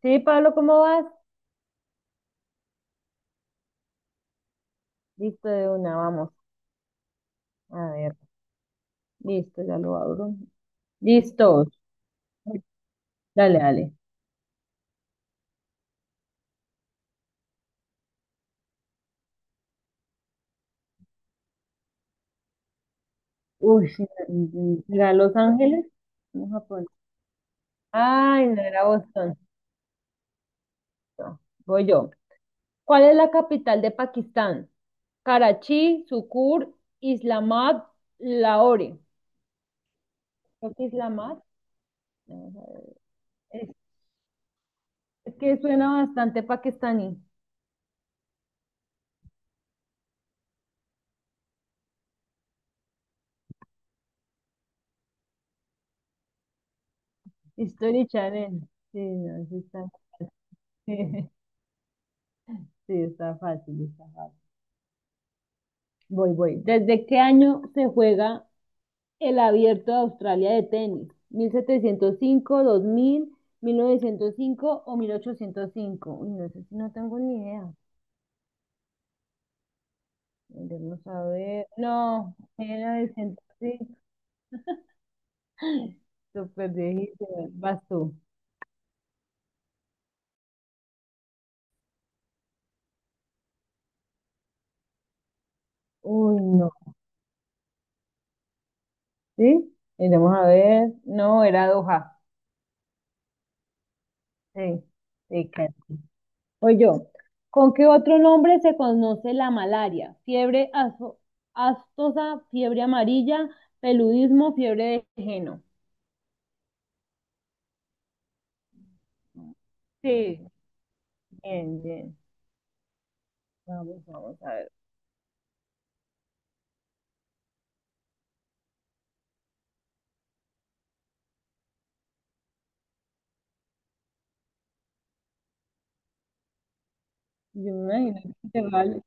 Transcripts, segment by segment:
Sí, Pablo, ¿cómo vas? Listo, de una, vamos. A ver, listo, ya lo abro. Listo. Dale, dale. Uy, sí, ¿era Los Ángeles? No, Japón. Ay, no era Boston. No, voy yo. ¿Cuál es la capital de Pakistán? Karachi, Sukkur, Islamabad, Lahore. Creo que Islamabad. Vamos a ver. Es, es que suena bastante pakistaní. History Channel. Sí, no, sí está. Sí, está fácil, está fácil. Voy, voy. ¿Desde qué año se juega el Abierto de Australia de tenis? ¿Mil, setecientos cinco, dos mil novecientos cinco o 1805? Uy, no sé, si no tengo ni idea. Vamos a ver. No, 1905. Súper viejito. Vas tú. Uy, no. ¿Sí? Vamos a ver. No, era Doha. Sí, sí, casi. O yo. ¿Con qué otro nombre se conoce la malaria? Astosa, fiebre amarilla, peludismo, fiebre de geno. Sí, bien, bien. Vamos, vamos a ver. Yo me imagino que vale.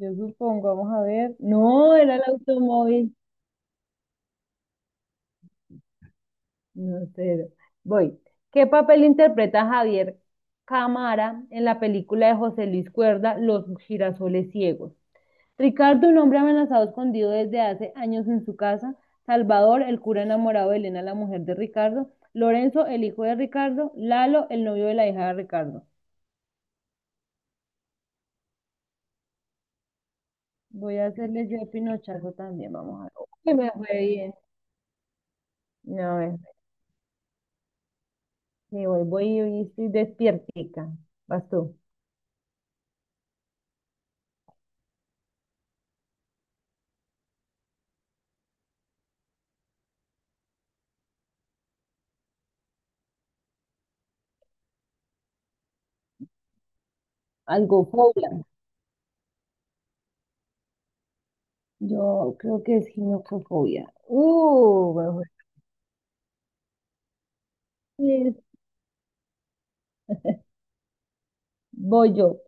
Yo supongo, vamos a ver. No, era el automóvil. No sé. Voy. ¿Qué papel interpreta Javier Camara en la película de José Luis Cuerda, Los girasoles ciegos? Ricardo, un hombre amenazado escondido desde hace años en su casa; Salvador, el cura enamorado de Elena, la mujer de Ricardo; Lorenzo, el hijo de Ricardo; Lalo, el novio de la hija de Ricardo. Voy a hacerles yo el pinochazo también, vamos a ver. Uy, me fue bien. No, a ver, sí, voy, voy y estoy despiertica. Vas tú. Algofobia. Yo creo que es ginecofobia. Me fue bien. Voy yo.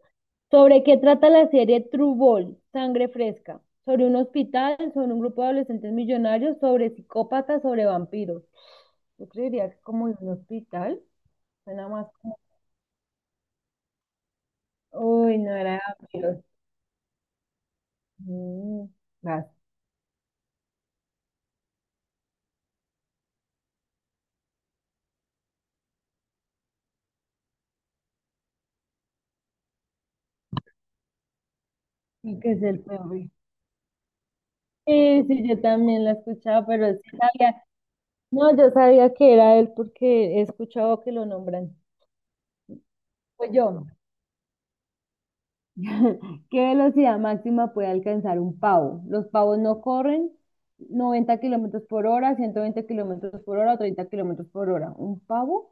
¿Sobre qué trata la serie True Blood? ¿Sangre Fresca? Sobre un hospital, sobre un grupo de adolescentes millonarios, sobre psicópatas, sobre vampiros. Yo creería que como de un hospital, suena más como... Uy, no era de vampiros. Mm, Vas. Y que es el peor. Sí, sí, yo también la escuchaba, pero sí sabía. No, yo sabía que era él porque he escuchado que lo nombran. Pues yo. ¿Qué velocidad máxima puede alcanzar un pavo? Los pavos no corren. ¿90 kilómetros por hora, 120 kilómetros por hora o 30 kilómetros por hora? ¿Un pavo?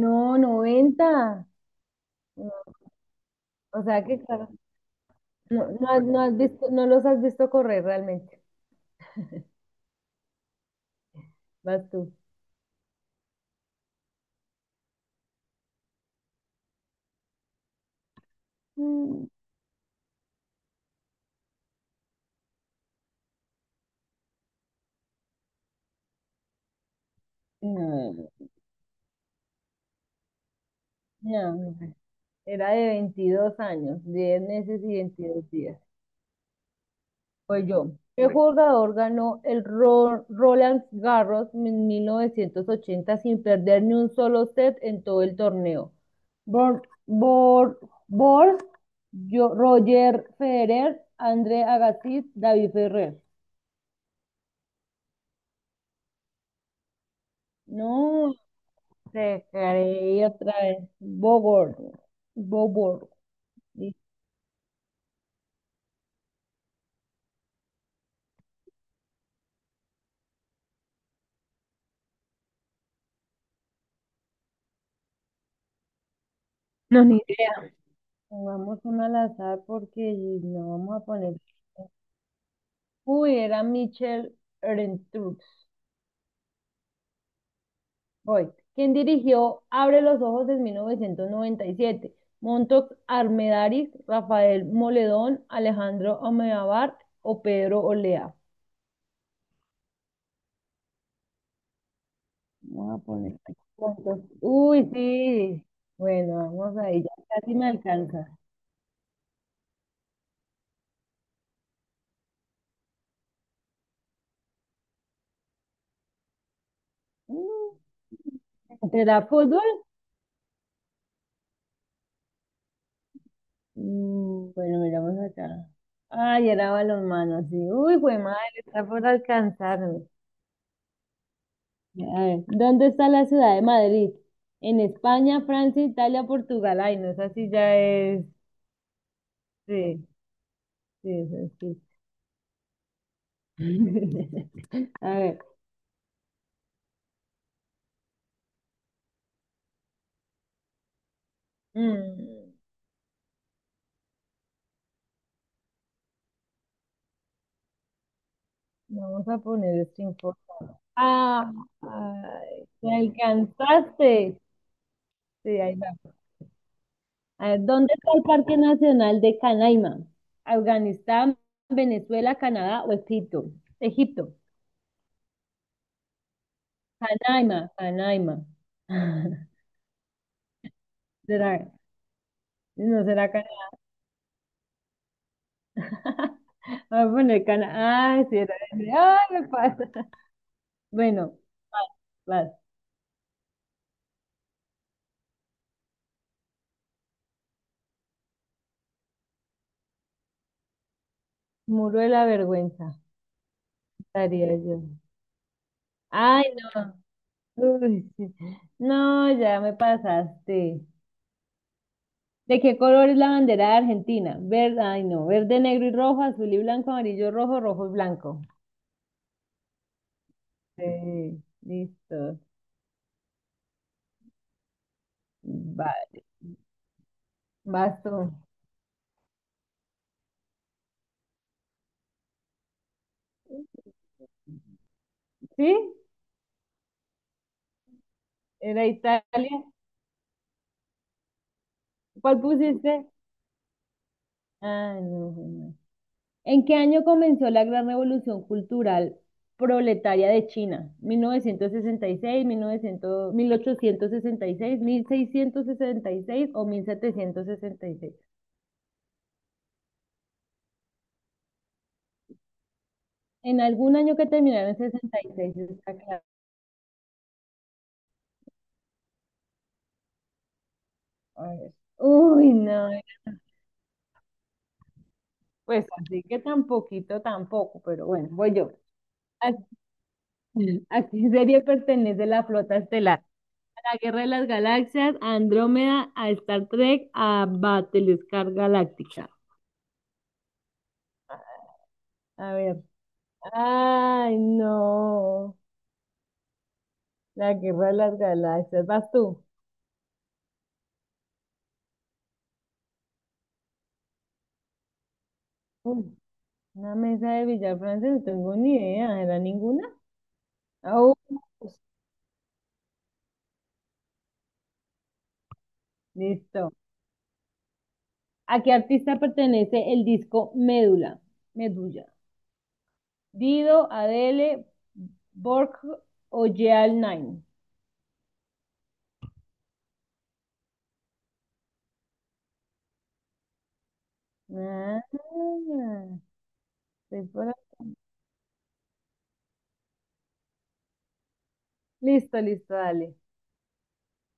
No, 90. No, o sea que, claro, no, no, no has visto, no los has visto correr realmente. Vas tú. Mm, No, no, no. Era de 22 años, 10 meses y 22 días. Pues yo, ¿qué Bueno, ¿jugador ganó el Roland Garros en 1980 sin perder ni un solo set en todo el torneo? Bor, Bor, Bor, Roger Federer, André Agassi, David Ferrer. No, te creí otra vez. Bogor, Bobor. Listo. No, ni idea. Pongamos una al azar porque no vamos a poner. Uy, era Michel Erentxun. Voy. Quien dirigió Abre los ojos en 1997? Montox Armendariz, Rafael Moledón, Alejandro Amenábar o Pedro Olea. Vamos a poner aquí Montox. Uy, sí. Bueno, vamos ahí. Ya casi me alcanza. Mm, ¿Será fútbol? Bueno, miramos acá. Ay, era balonmano, sí. Uy, fue madre, está por alcanzarme. A ver, ¿dónde está la ciudad de Madrid? ¿En España, Francia, Italia, Portugal? Ay, no, esa sí ya es. Sí, sí, esa sí. A ver, mm, vamos a poner esto importante. Ah, ay, te alcanzaste. Sí, ahí va. A ver, ¿dónde está el Parque Nacional de Canaima? ¿Afganistán, Venezuela, Canadá o Egipto? Egipto. Canaima, Canaima. ¿Será? ¿No será Canaima? A poner cana. Ay, sí, era ese. Ay, me pasa. Bueno, vas. Vas. Muro de la vergüenza, estaría yo. Ay, no. Uy, sí. No, ya me pasaste. ¿De qué color es la bandera de Argentina? Verde, ay, no. ¿Verde, negro y rojo, azul y blanco, amarillo, rojo, rojo y blanco? Sí, listo. Va, vas tú. ¿Sí? ¿Era Italia? ¿Cuál pusiste? Ah, no. Bueno. ¿En qué año comenzó la gran revolución cultural proletaria de China? ¿Mil novecientos sesenta y seis, ochocientos seiscientos sesenta y seis o 1766? En algún año que terminaron en sesenta y seis está claro. A ver. Uy, no, pues así que tan poquito tampoco, pero bueno, voy yo. ¿A, a qué serie pertenece la flota estelar? ¿A la Guerra de las Galaxias, a Andrómeda, a Star Trek, a Battlestar Galáctica? A ver, ay, no. La guerra de las galaxias. ¿Vas tú? Uy, una mesa de billar francés, no tengo ni idea. ¿Era ninguna? Ah, listo. ¿A qué artista pertenece el disco Médula? Medulla. Dido, Adele, Borg o Jeal Nine. Ah, estoy por acá. Listo, listo, dale.